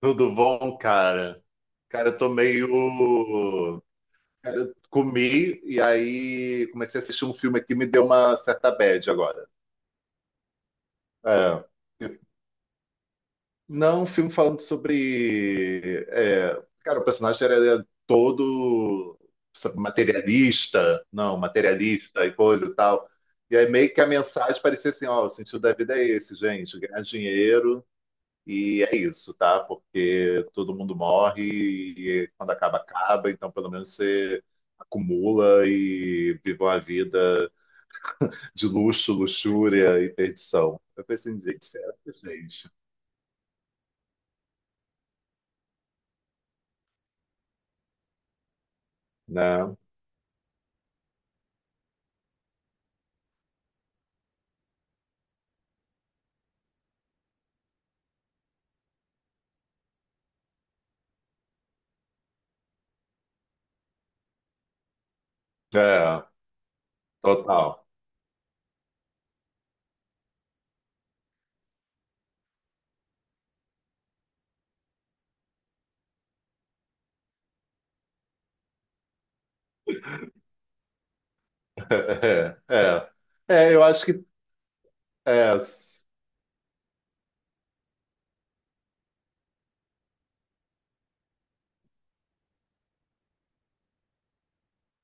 Tudo bom, cara? Cara, eu tô meio. Cara, eu comi e aí comecei a assistir um filme aqui, me deu uma certa bad agora. É. Não, um filme falando sobre. Cara, o personagem era todo sabe, materialista, não, materialista e coisa e tal. E aí meio que a mensagem parecia assim: ó, o sentido da vida é esse, gente, ganhar dinheiro. E é isso, tá? Porque todo mundo morre e quando acaba, acaba. Então, pelo menos você acumula e vive uma vida de luxo, luxúria e perdição. Eu pensei, gente, será que, gente, né? É, total. É, é. É, eu acho que. É,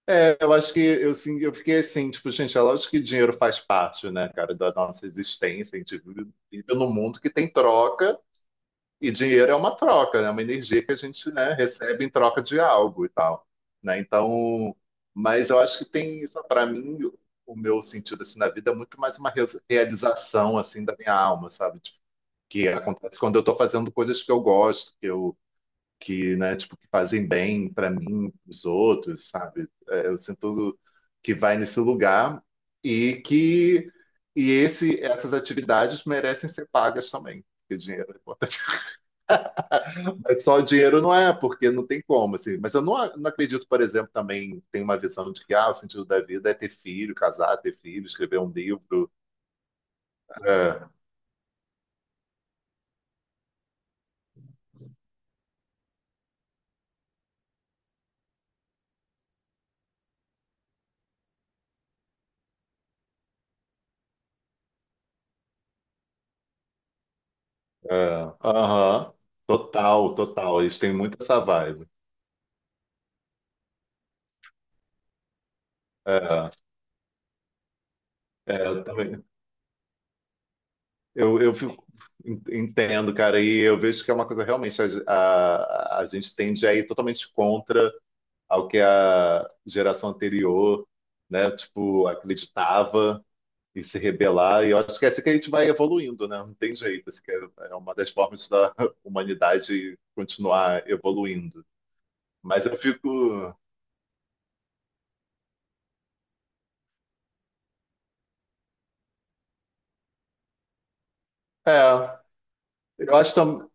eu acho que sim, eu fiquei assim, tipo, gente, é lógico que dinheiro faz parte, né, cara, da nossa existência. A gente vive num mundo que tem troca. E dinheiro é uma troca, né? É uma energia que a gente, né, recebe em troca de algo e tal, né? Então, mas eu acho que tem isso para mim, o meu sentido assim na vida é muito mais uma realização assim da minha alma, sabe? Tipo, que acontece quando eu estou fazendo coisas que eu gosto, que, né, tipo, que fazem bem para mim, para os outros, sabe? É, eu sinto que vai nesse lugar e que e esse essas atividades merecem ser pagas também, porque dinheiro é importante. Mas só o dinheiro não é, porque não tem como, assim. Mas eu não, a- não acredito, por exemplo, também tem uma visão de que ah, o sentido da vida é ter filho, casar, ter filho, escrever um livro. É, é, aham. Total, total. Eles têm muito essa vibe. É, é, eu também. Eu, eu fico- entendo, cara, e eu vejo que é uma coisa realmente a, a gente tende a ir totalmente contra ao que a geração anterior, né, tipo, acreditava. E se rebelar. E eu acho que é assim que a gente vai evoluindo, né? Não tem jeito. Assim que é é uma das formas da humanidade continuar evoluindo. Mas eu fico. É, eu acho também.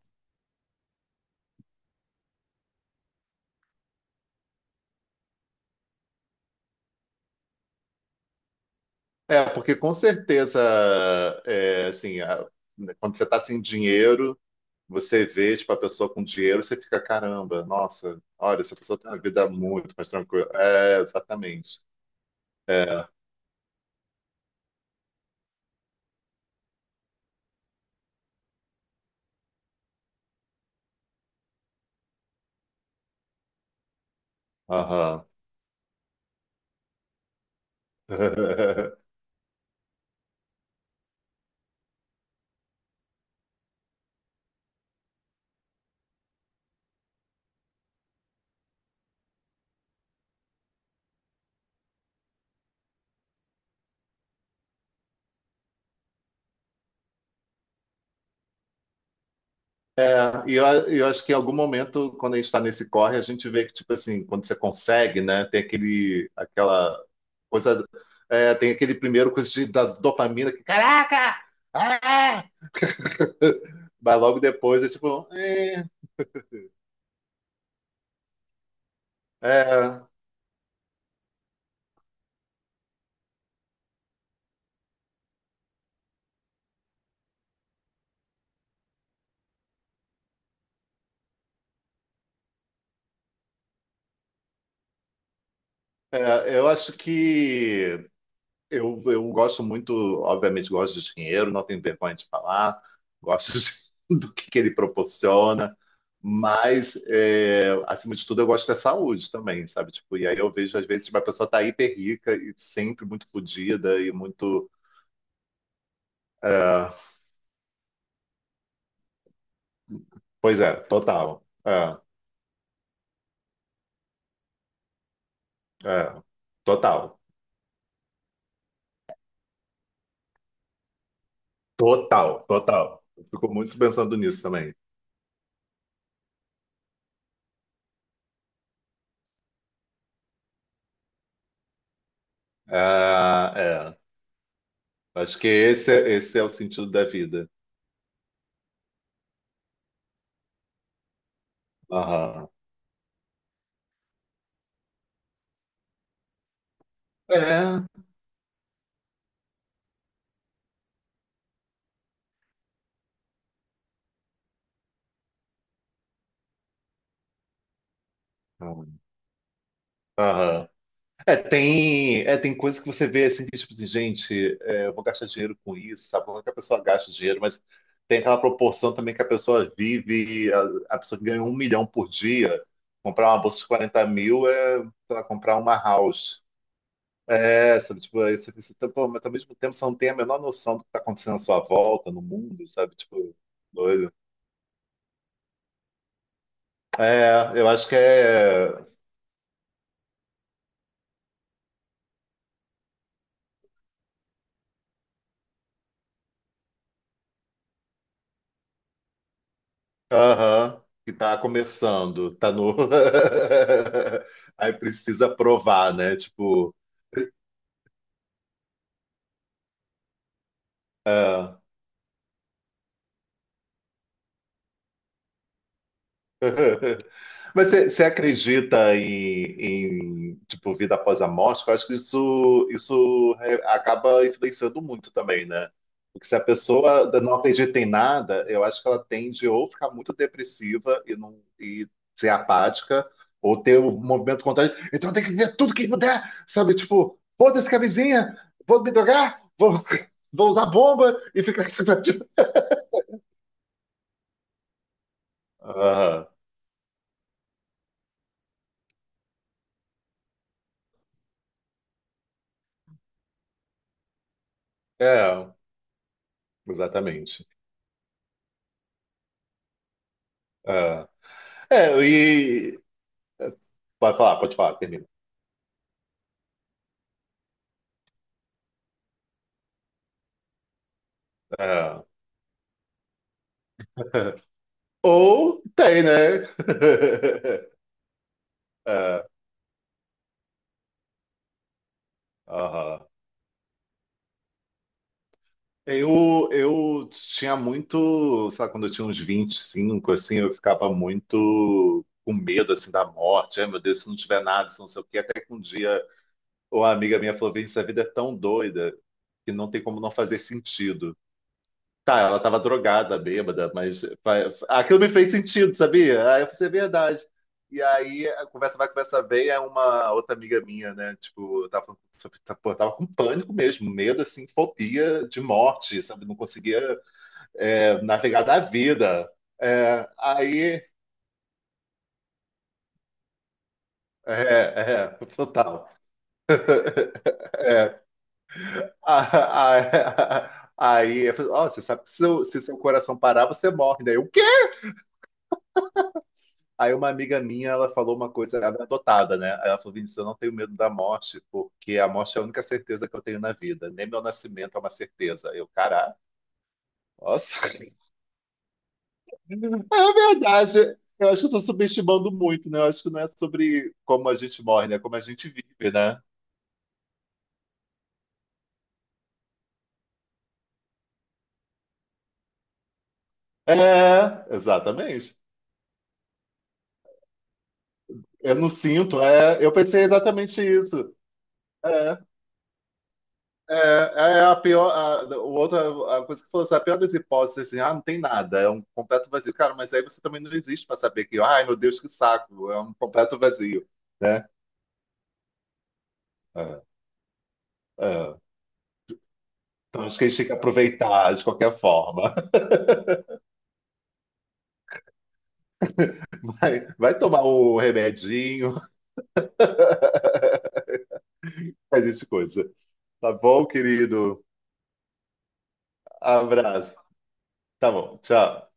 É, porque com certeza, assim, né, quando você está sem dinheiro, você vê, tipo, a pessoa com dinheiro, você fica, caramba, nossa, olha, essa pessoa tem uma vida muito mais tranquila. É, exatamente. É, aham. É, e eu acho que em algum momento, quando a gente está nesse corre, a gente vê que, tipo assim, quando você consegue, né, tem aquela coisa, é, tem aquele primeiro coisa de, da dopamina, que, caraca! Ah! Mas logo depois é tipo, é, eu acho que eu gosto muito, obviamente, gosto de dinheiro, não tenho vergonha de falar, gosto que ele proporciona, mas, é, acima de tudo, eu gosto da saúde também, sabe? Tipo, e aí eu vejo, às vezes, uma pessoa tá hiper rica e sempre muito fodida e muito. É, pois é, total. É, é, total. Total, total. Eu fico muito pensando nisso também. É, é. Acho que esse é o sentido da vida. Aham. É. Aham. É, tem coisas que você vê assim, que tipo assim, gente, é, eu vou gastar dinheiro com isso, sabe? Como é que a pessoa gasta dinheiro, mas tem aquela proporção também que a pessoa vive, a pessoa que ganha 1 milhão por dia, comprar uma bolsa de 40 mil é, sei lá, comprar uma house. É, sabe, tipo, isso, pô, mas ao mesmo tempo você não tem a menor noção do que está acontecendo à sua volta, no mundo, sabe? Tipo, doido. É, eu acho que é. Aham, que tá começando, tá no. Aí precisa provar, né? Tipo, é. Mas você acredita em, em, tipo vida após a morte? Eu acho que acaba influenciando muito também, né? Porque se a pessoa não acredita em nada, eu acho que ela tende ou ficar muito depressiva e não e ser apática, ou ter o movimento contrário. Então tem que ver tudo que puder, sabe? Tipo, foda-se que a vizinha, vou me drogar, vou usar bomba e ficar. Aham. É, exatamente. É. É, e pode falar, termina. Ah. Ou tem, né? É, aham. Eu tinha muito, sabe, quando eu tinha uns 25, assim, eu ficava muito com medo, assim, da morte. Ai, meu Deus, se não tiver nada, se não sei o quê. Até que um dia uma amiga minha falou, Vini, essa vida é tão doida que não tem como não fazer sentido. Tá, ela tava drogada, bêbada, mas aquilo me fez sentido, sabia? Aí eu falei, assim, é verdade. E aí, a conversa vai, conversa vem, é uma outra amiga minha, né? Tipo, eu tava, pô, eu tava com pânico mesmo, medo, assim, fobia de morte, sabe? Não conseguia, é, navegar da vida. É, aí, é, é, total. Aí, eu falei, ó, você sabe que se seu coração parar, você morre, né? Eu, o quê? Aí uma amiga minha, ela falou uma coisa, ela é adotada, né? Ela falou, Vinícius, eu não tenho medo da morte, porque a morte é a única certeza que eu tenho na vida. Nem meu nascimento é uma certeza. Eu, caralho, nossa. É verdade. Eu acho que eu tô subestimando muito, né? Eu acho que não é sobre como a gente morre, né? É como a gente vive, né? É, exatamente. Eu não sinto. É, eu pensei exatamente isso. É. É, é a pior. A a coisa que falou assim, a pior das hipóteses, assim, ah, não tem nada, é um completo vazio. Cara, mas aí você também não existe para saber que, ai, meu Deus, que saco, é um completo vazio, né? É, é. Então acho que a gente tem que aproveitar de qualquer forma. Vai tomar o remedinho, faz esse coisa. Tá bom, querido? Abraço. Tá bom, tchau.